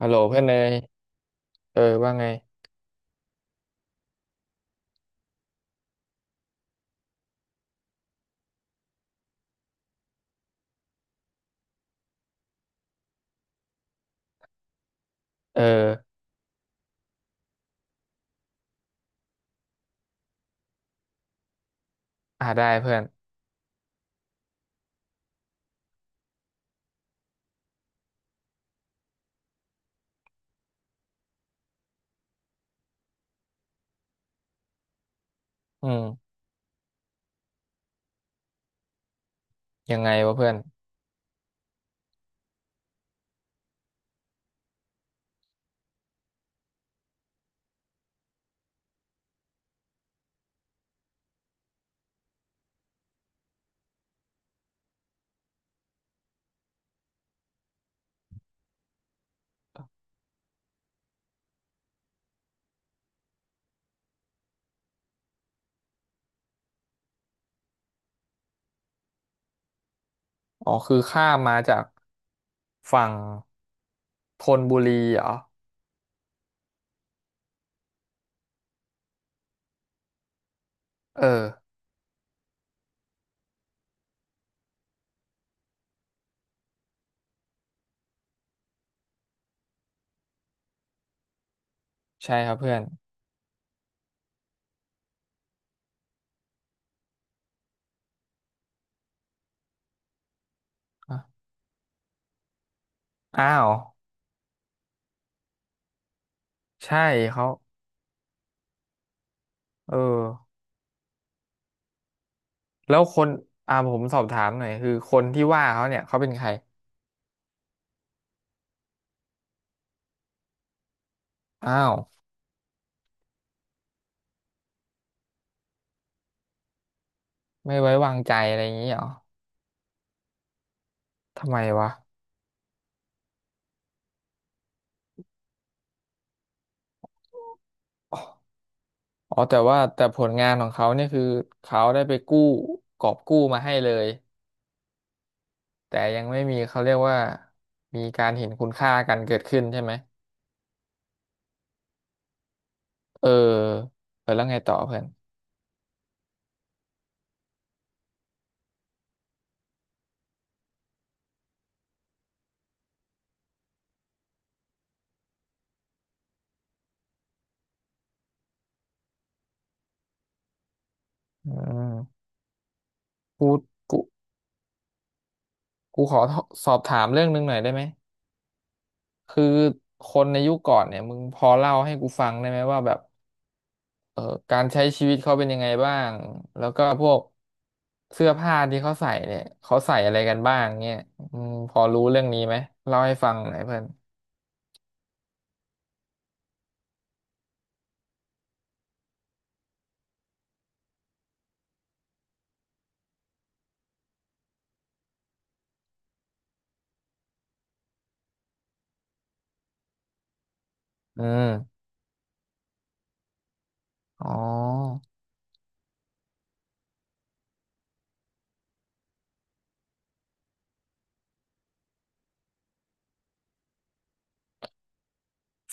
ฮัลโหลเพื่อนเนยเออว่าไงเอออ่าได้เพื่อนอืมยังไงวะเพื่อนอ๋อคือข้ามมาจากฝั่งธนบุรีเหรอเออใช่ครับเพื่อนอ่ะอ้าวใช่เขาเออแล้วคนผมสอบถามหน่อยคือคนที่ว่าเขาเนี่ยเขาเป็นใครอ้าวไม่ไว้วางใจอะไรอย่างนี้เหรอทำไมวะอ๋อแต่ว่าแต่ผลงานของเขาเนี่ยคือเขาได้ไปกู้กอบกู้มาให้เลย แต่ยังไม่มีเขาเรียกว่ามีการเห็นคุณค่ากันเกิดขึ้นใช่ไหมเออเออแล้วไงต่อเพื่อนอืมกูกูขอสอบถามเรื่องหนึงหน่อยได้ไหมคือคนในยุคก่อนเนี่ยมึงพอเล่าให้กูฟังได้ไหมว่าแบบเออการใช้ชีวิตเขาเป็นยังไงบ้างแล้วก็พวกเสื้อผ้าที่เขาใส่เนี่ยเขาใส่อะไรกันบ้างเนี่ยอืมพอรู้เรื่องนี้ไหมเล่าให้ฟังหน่อยเพื่อนอืมอ๋อ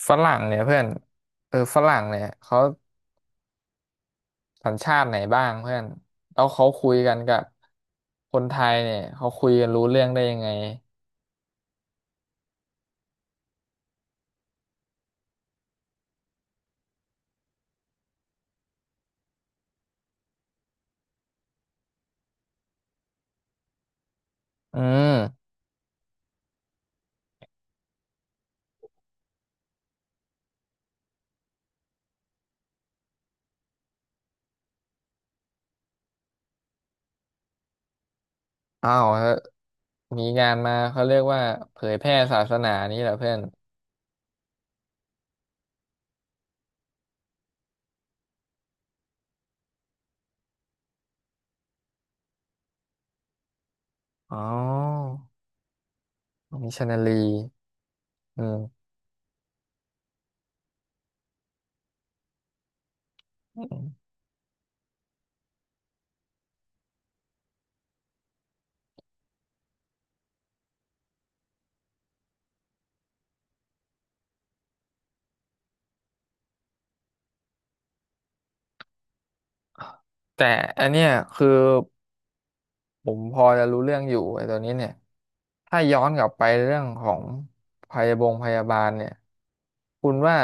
ฝรั่งเนี่ยเพื่อนเออฝรั่งเนี่ยเขา สัญชาติไหนบ้างเพื่อนแล้วเขาคุยกันกับคนไทยเนี่ยเขาคุยกันรู้เรื่องได้ยังไงอืมอ้าวเฮ้ยมีงานมาเขาเรียกว่าเผยแพร่ศาสนานี้เหรอเพื่อนอ๋อมิชชันนารีอืมแต่อันเนี้ยคือ ผมพอจะรู้เรื่องอยู่ไอ้ตัวนี้เนี่ยถ้าย้อนกลับไปเรื่องของพยาบงพยาบาลเนี่ยคุณว่า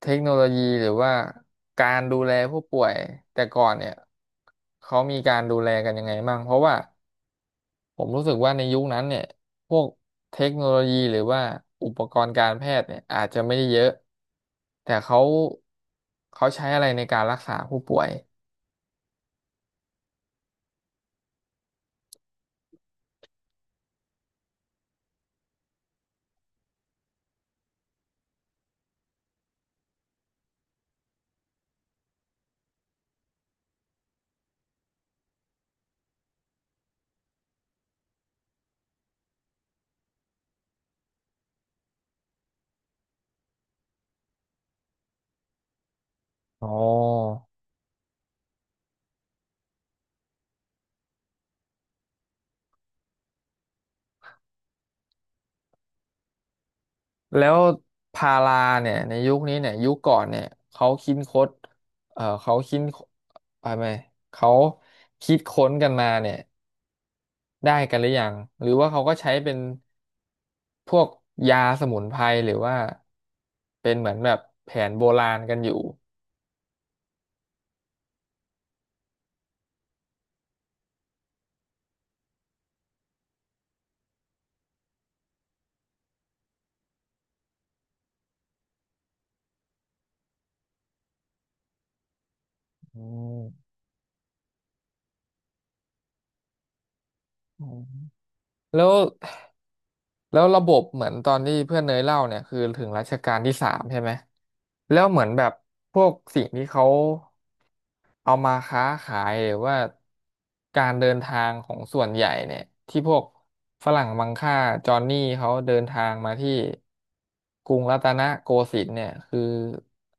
เทคโนโลยีหรือว่าการดูแลผู้ป่วยแต่ก่อนเนี่ยเขามีการดูแลกันยังไงบ้างเพราะว่าผมรู้สึกว่าในยุคนั้นเนี่ยพวกเทคโนโลยีหรือว่าอุปกรณ์การแพทย์เนี่ยอาจจะไม่ได้เยอะแต่เขาเขาใช้อะไรในการรักษาผู้ป่วยอ๋อ แล้วพาราเนี่ยในยุคนี้เนี่ยยุคก่อนเนี่ยเขาคิดค้นเขาคิดอะไรไหมเขาคิดค้นกันมาเนี่ยได้กันหรือยังหรือว่าเขาก็ใช้เป็นพวกยาสมุนไพรหรือว่าเป็นเหมือนแบบแผนโบราณกันอยู่อืมอืมแล้วแล้วระบบเหมือนตอนที่เพื่อนเนยเล่าเนี่ยคือถึงรัชกาลที่สามใช่ไหมแล้วเหมือนแบบพวกสิ่งที่เขา เอามาค้าขายหรือว่าการเดินทางของส่วนใหญ่เนี่ยที่พวกฝรั่งมังค่าจอห์นนี่เขาเดินทางมาที่กรุงรัตนโกสินทร์เนี่ยคือ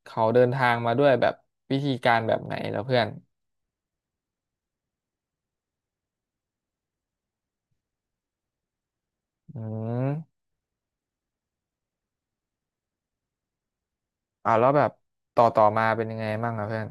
เขาเดินทางมาด้วยแบบวิธีการแบบไหนแล้วเพื่อนอืมอ่าแล้วแบบต่อต่อมาเป็นยังไงบ้างอะเพื่อน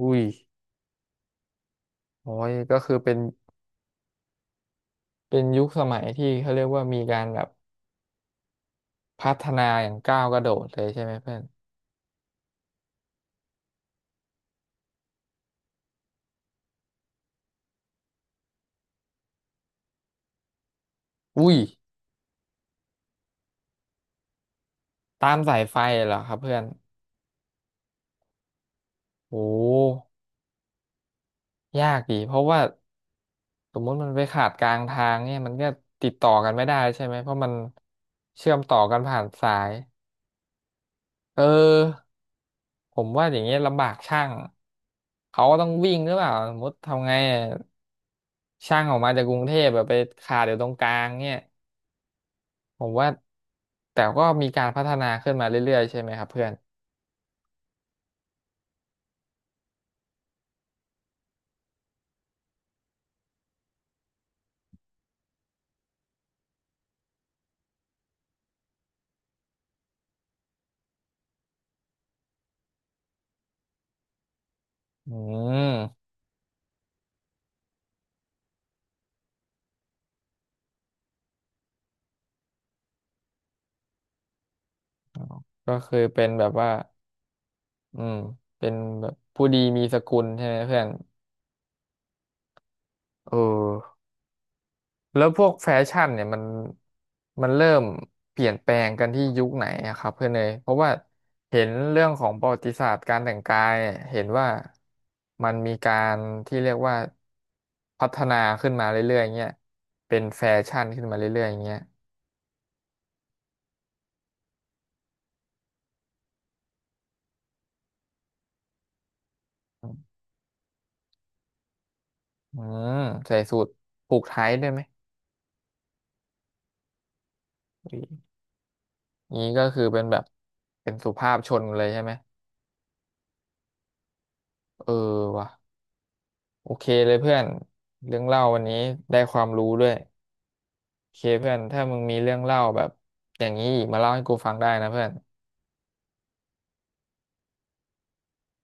อุ้ยโอ้ยก็คือเป็นเป็นยุคสมัยที่เขาเรียกว่ามีการแบบพัฒนาอย่างก้าวกระโดดเลยใช่ไหมเพื่อนอุ้ยตามสายไฟเหรอครับเพื่อนโอ้ ยากอีกเพราะว่าสมมติมันไปขาดกลางทางเนี่ยมันก็ติดต่อกันไม่ได้ใช่ไหม เพราะมันเชื่อมต่อกันผ่านสายเออผมว่าอย่างเงี้ยลำบากช่างเขาก็ต้องวิ่งหรือเปล่าสมมติทำไงอะช่างออกมาจากกรุงเทพแบบไปขาดอยู่ตรงกลางเนี่ยผมว่าแต่ก็มีการพัฒนาขึ้นมาเรื่อยๆใช่ไหมครับเพื่อนอืมก็คือเป็นแบบว่าอืมเป็นแบบผู้ดีมีสกุลใช่ไหมเพื่อนเออ แล้วพวกแฟชั่นเนี่ยมันมันเริ่มเปลี่ยนแปลงกันที่ยุคไหนอะครับเพื่อนเนยเพราะว่าเห็นเรื่องของประวัติศาสตร์การแต่งกายเนี่ยเห็นว่ามันมีการที่เรียกว่าพัฒนาขึ้นมาเรื่อยๆเงี้ยเป็นแฟชั่นขึ้นมาเรื่อยๆเงี้ยอืมใส่สูทผูกไทด้วยไหมอยนี้ก็คือเป็นแบบเป็นสุภาพชนเลยใช่ไหมเออว่ะโอเคเลยเพื่อนเรื่องเล่าวันนี้ได้ความรู้ด้วย โอเคเพื่อนถ้ามึงมีเรื่องเล่าแบบอย่างนี้อีกมาเล่าให้กูฟังได้นะเพื่อน